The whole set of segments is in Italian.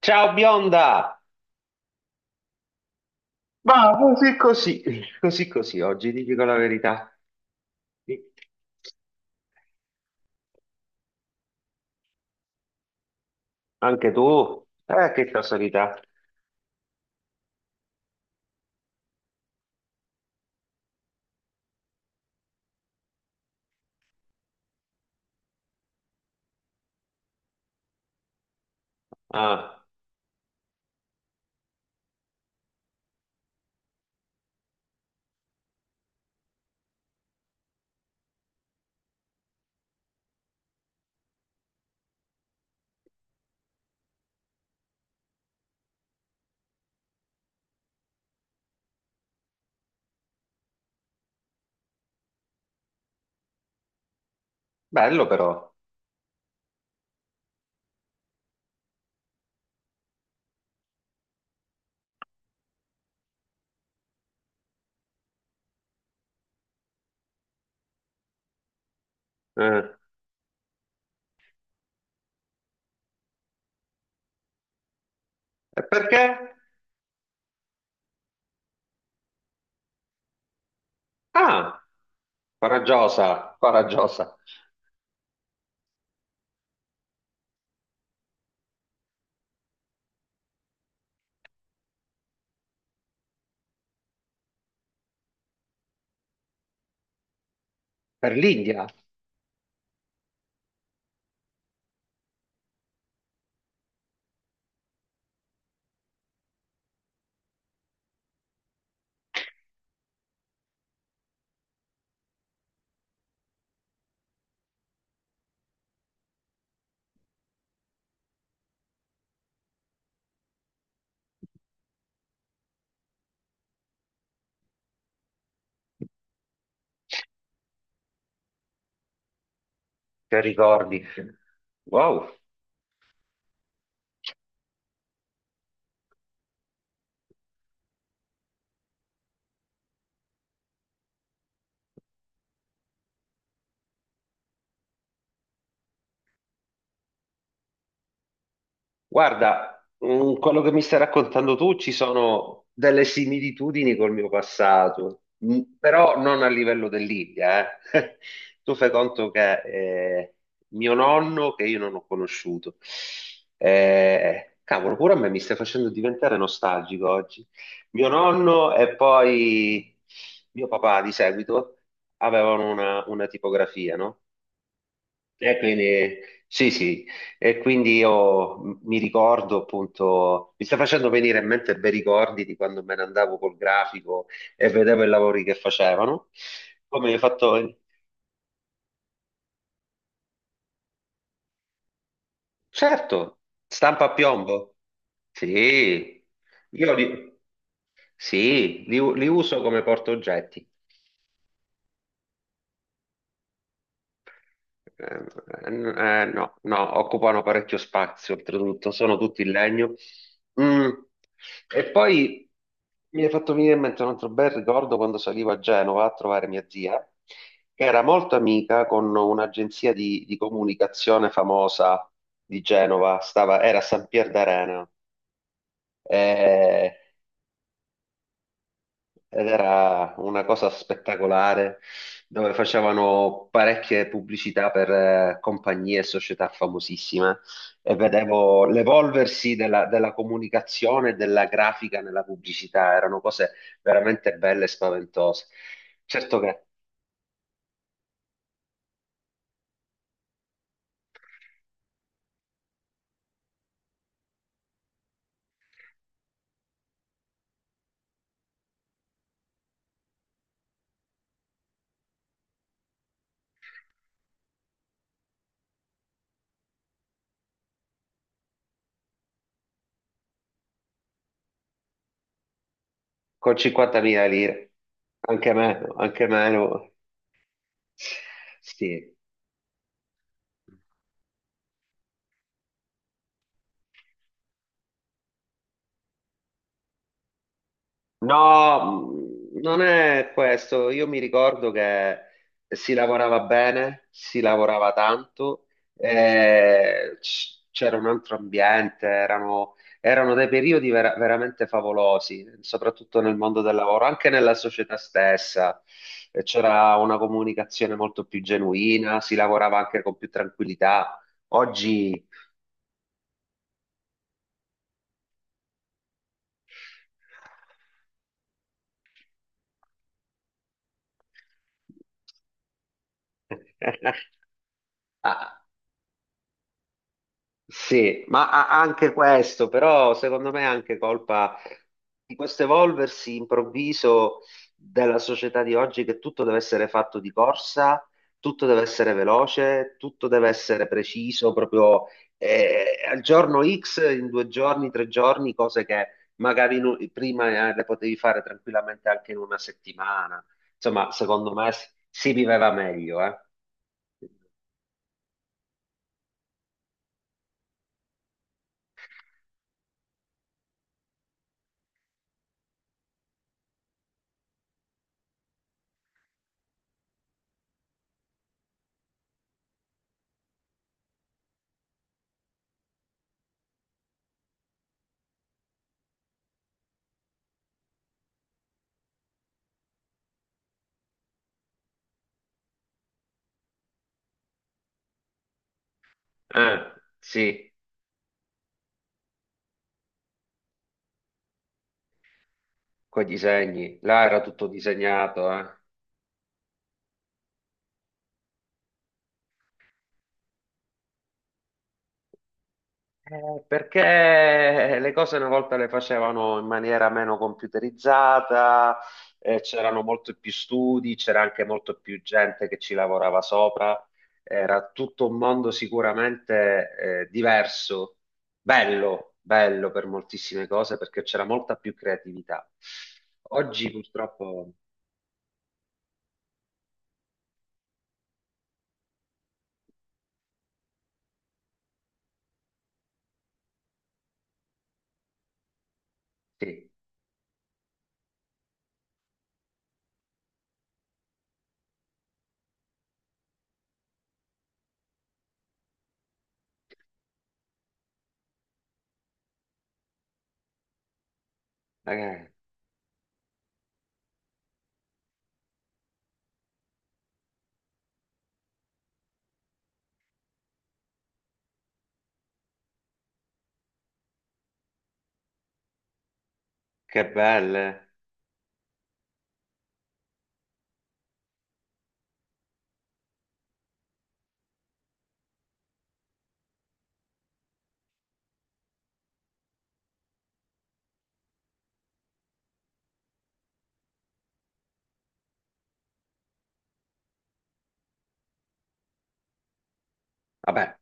Ciao bionda! Ma così così, così così oggi, ti dico la verità. Sì. Anche tu? Che casualità. Ah, bello però. Eh, e perché? Ah, coraggiosa, coraggiosa. Per l'India, che ricordi? Wow. Guarda, quello che mi stai raccontando tu ci sono delle similitudini col mio passato, però non a livello dell'India, eh. Tu fai conto che mio nonno, che io non ho conosciuto, cavolo, pure a me mi stai facendo diventare nostalgico oggi. Mio nonno e poi mio papà di seguito avevano una tipografia, no? E quindi, sì, sì, e quindi io mi ricordo appunto, mi sta facendo venire in mente bei ricordi di quando me ne andavo col grafico e vedevo i lavori che facevano. Come hai fatto? Certo, stampa a piombo. Sì, io li, sì, li uso come portaoggetti. Ehm, no, no, occupano parecchio spazio, oltretutto, sono tutti in legno. Mm. E poi mi è fatto venire in mente un altro bel ricordo quando salivo a Genova a trovare mia zia, che era molto amica con un'agenzia di comunicazione famosa di Genova, era a San Pier d'Arena. Eh, ed era una cosa spettacolare dove facevano parecchie pubblicità per compagnie e società famosissime e vedevo l'evolversi della comunicazione e della grafica nella pubblicità, erano cose veramente belle e spaventose. Certo che con 50.000 lire, anche meno, sì. No, non è questo. Io mi ricordo che si lavorava bene, si lavorava tanto, c'era un altro ambiente, erano dei periodi veramente favolosi, soprattutto nel mondo del lavoro, anche nella società stessa. C'era una comunicazione molto più genuina, si lavorava anche con più tranquillità. Oggi... Ah, sì, ma anche questo, però secondo me è anche colpa di questo evolversi improvviso della società di oggi che tutto deve essere fatto di corsa, tutto deve essere veloce, tutto deve essere preciso, proprio al giorno X, in 2 giorni, 3 giorni, cose che magari prima le potevi fare tranquillamente anche in una settimana. Insomma, secondo me si viveva meglio, eh. Eh, sì. Coi disegni, là era tutto disegnato, eh. Perché le cose una volta le facevano in maniera meno computerizzata, c'erano molto più studi, c'era anche molto più gente che ci lavorava sopra, era tutto un mondo sicuramente, diverso, bello, bello per moltissime cose perché c'era molta più creatività. Oggi purtroppo, sì, eh, che belle. Vabbè,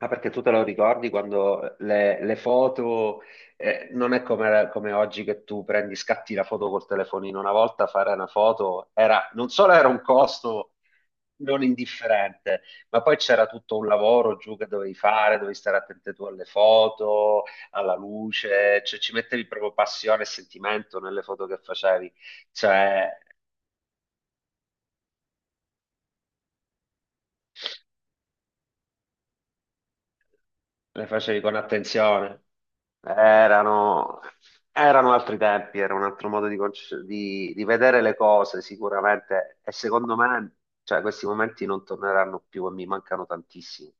ah, perché tu te lo ricordi quando le foto, non è come oggi che tu scatti la foto col telefonino. Una volta fare una foto era, non solo era un costo non indifferente, ma poi c'era tutto un lavoro giù che dovevi fare, dovevi stare attento tu alle foto, alla luce, cioè ci mettevi proprio passione e sentimento nelle foto che facevi. Cioè, le facevi con attenzione. Erano, erano altri tempi, era un altro modo di vedere le cose sicuramente e secondo me cioè, questi momenti non torneranno più e mi mancano tantissimo.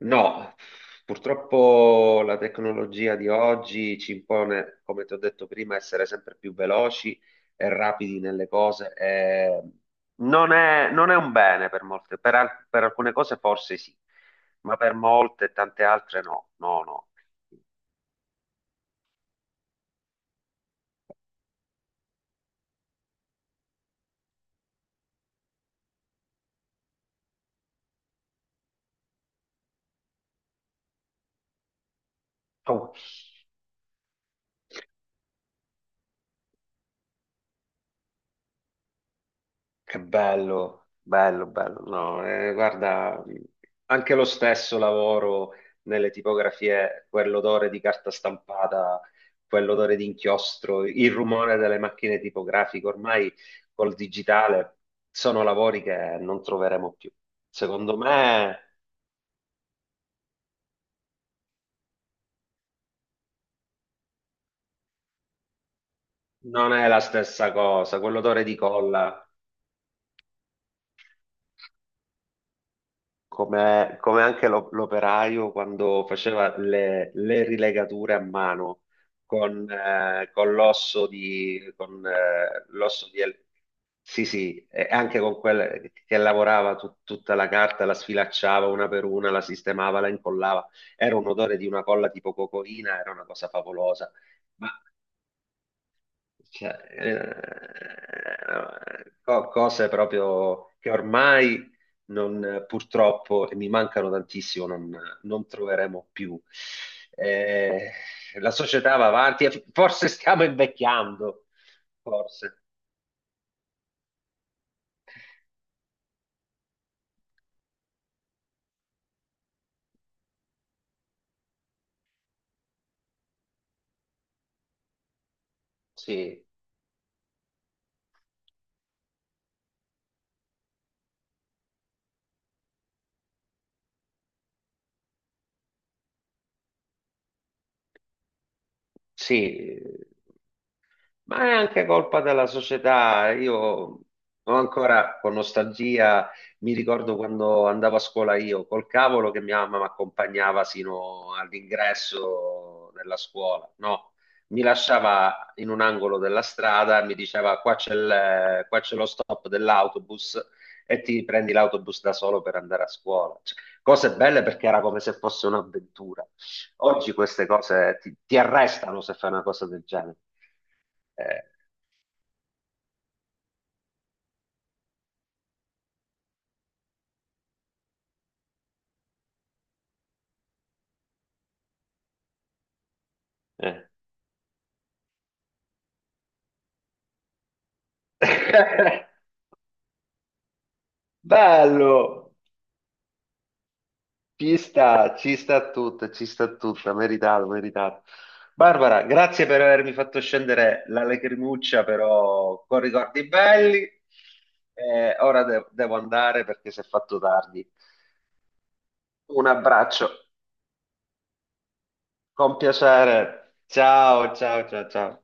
No, purtroppo la tecnologia di oggi ci impone, come ti ho detto prima, essere sempre più veloci e rapidi nelle cose. E non è un bene per molte, per alcune cose forse sì, ma per molte e tante altre no, no, no. Oh, che bello, bello, bello. No, guarda, anche lo stesso lavoro nelle tipografie, quell'odore di carta stampata, quell'odore di inchiostro, il rumore delle macchine tipografiche, ormai col digitale sono lavori che non troveremo più. Secondo me non è la stessa cosa, quell'odore di colla. Come anche l'operaio quando faceva le rilegature a mano con l'osso di, sì, sì, e anche con quella che lavorava tutta la carta, la sfilacciava una per una, la sistemava, la incollava. Era un odore di una colla tipo cocoina, era una cosa favolosa. Cioè, cose proprio che ormai purtroppo, e mi mancano tantissimo, non troveremo più. Eh, la società va avanti, e forse stiamo invecchiando, forse. Sì, sì. Ma è anche colpa della società. Io ho ancora con nostalgia, mi ricordo quando andavo a scuola io, col cavolo che mia mamma mi accompagnava sino all'ingresso della scuola. No, mi lasciava in un angolo della strada, mi diceva qua c'è lo stop dell'autobus e ti prendi l'autobus da solo per andare a scuola. Cioè, cose belle perché era come se fosse un'avventura. Oggi queste cose ti arrestano se fai una cosa del genere. Eh, eh. Bello, ci sta tutta, meritato, meritato. Barbara, grazie per avermi fatto scendere la lacrimuccia, però con ricordi belli. Ora devo andare perché si è fatto tardi. Un abbraccio, con piacere. Ciao, ciao, ciao, ciao.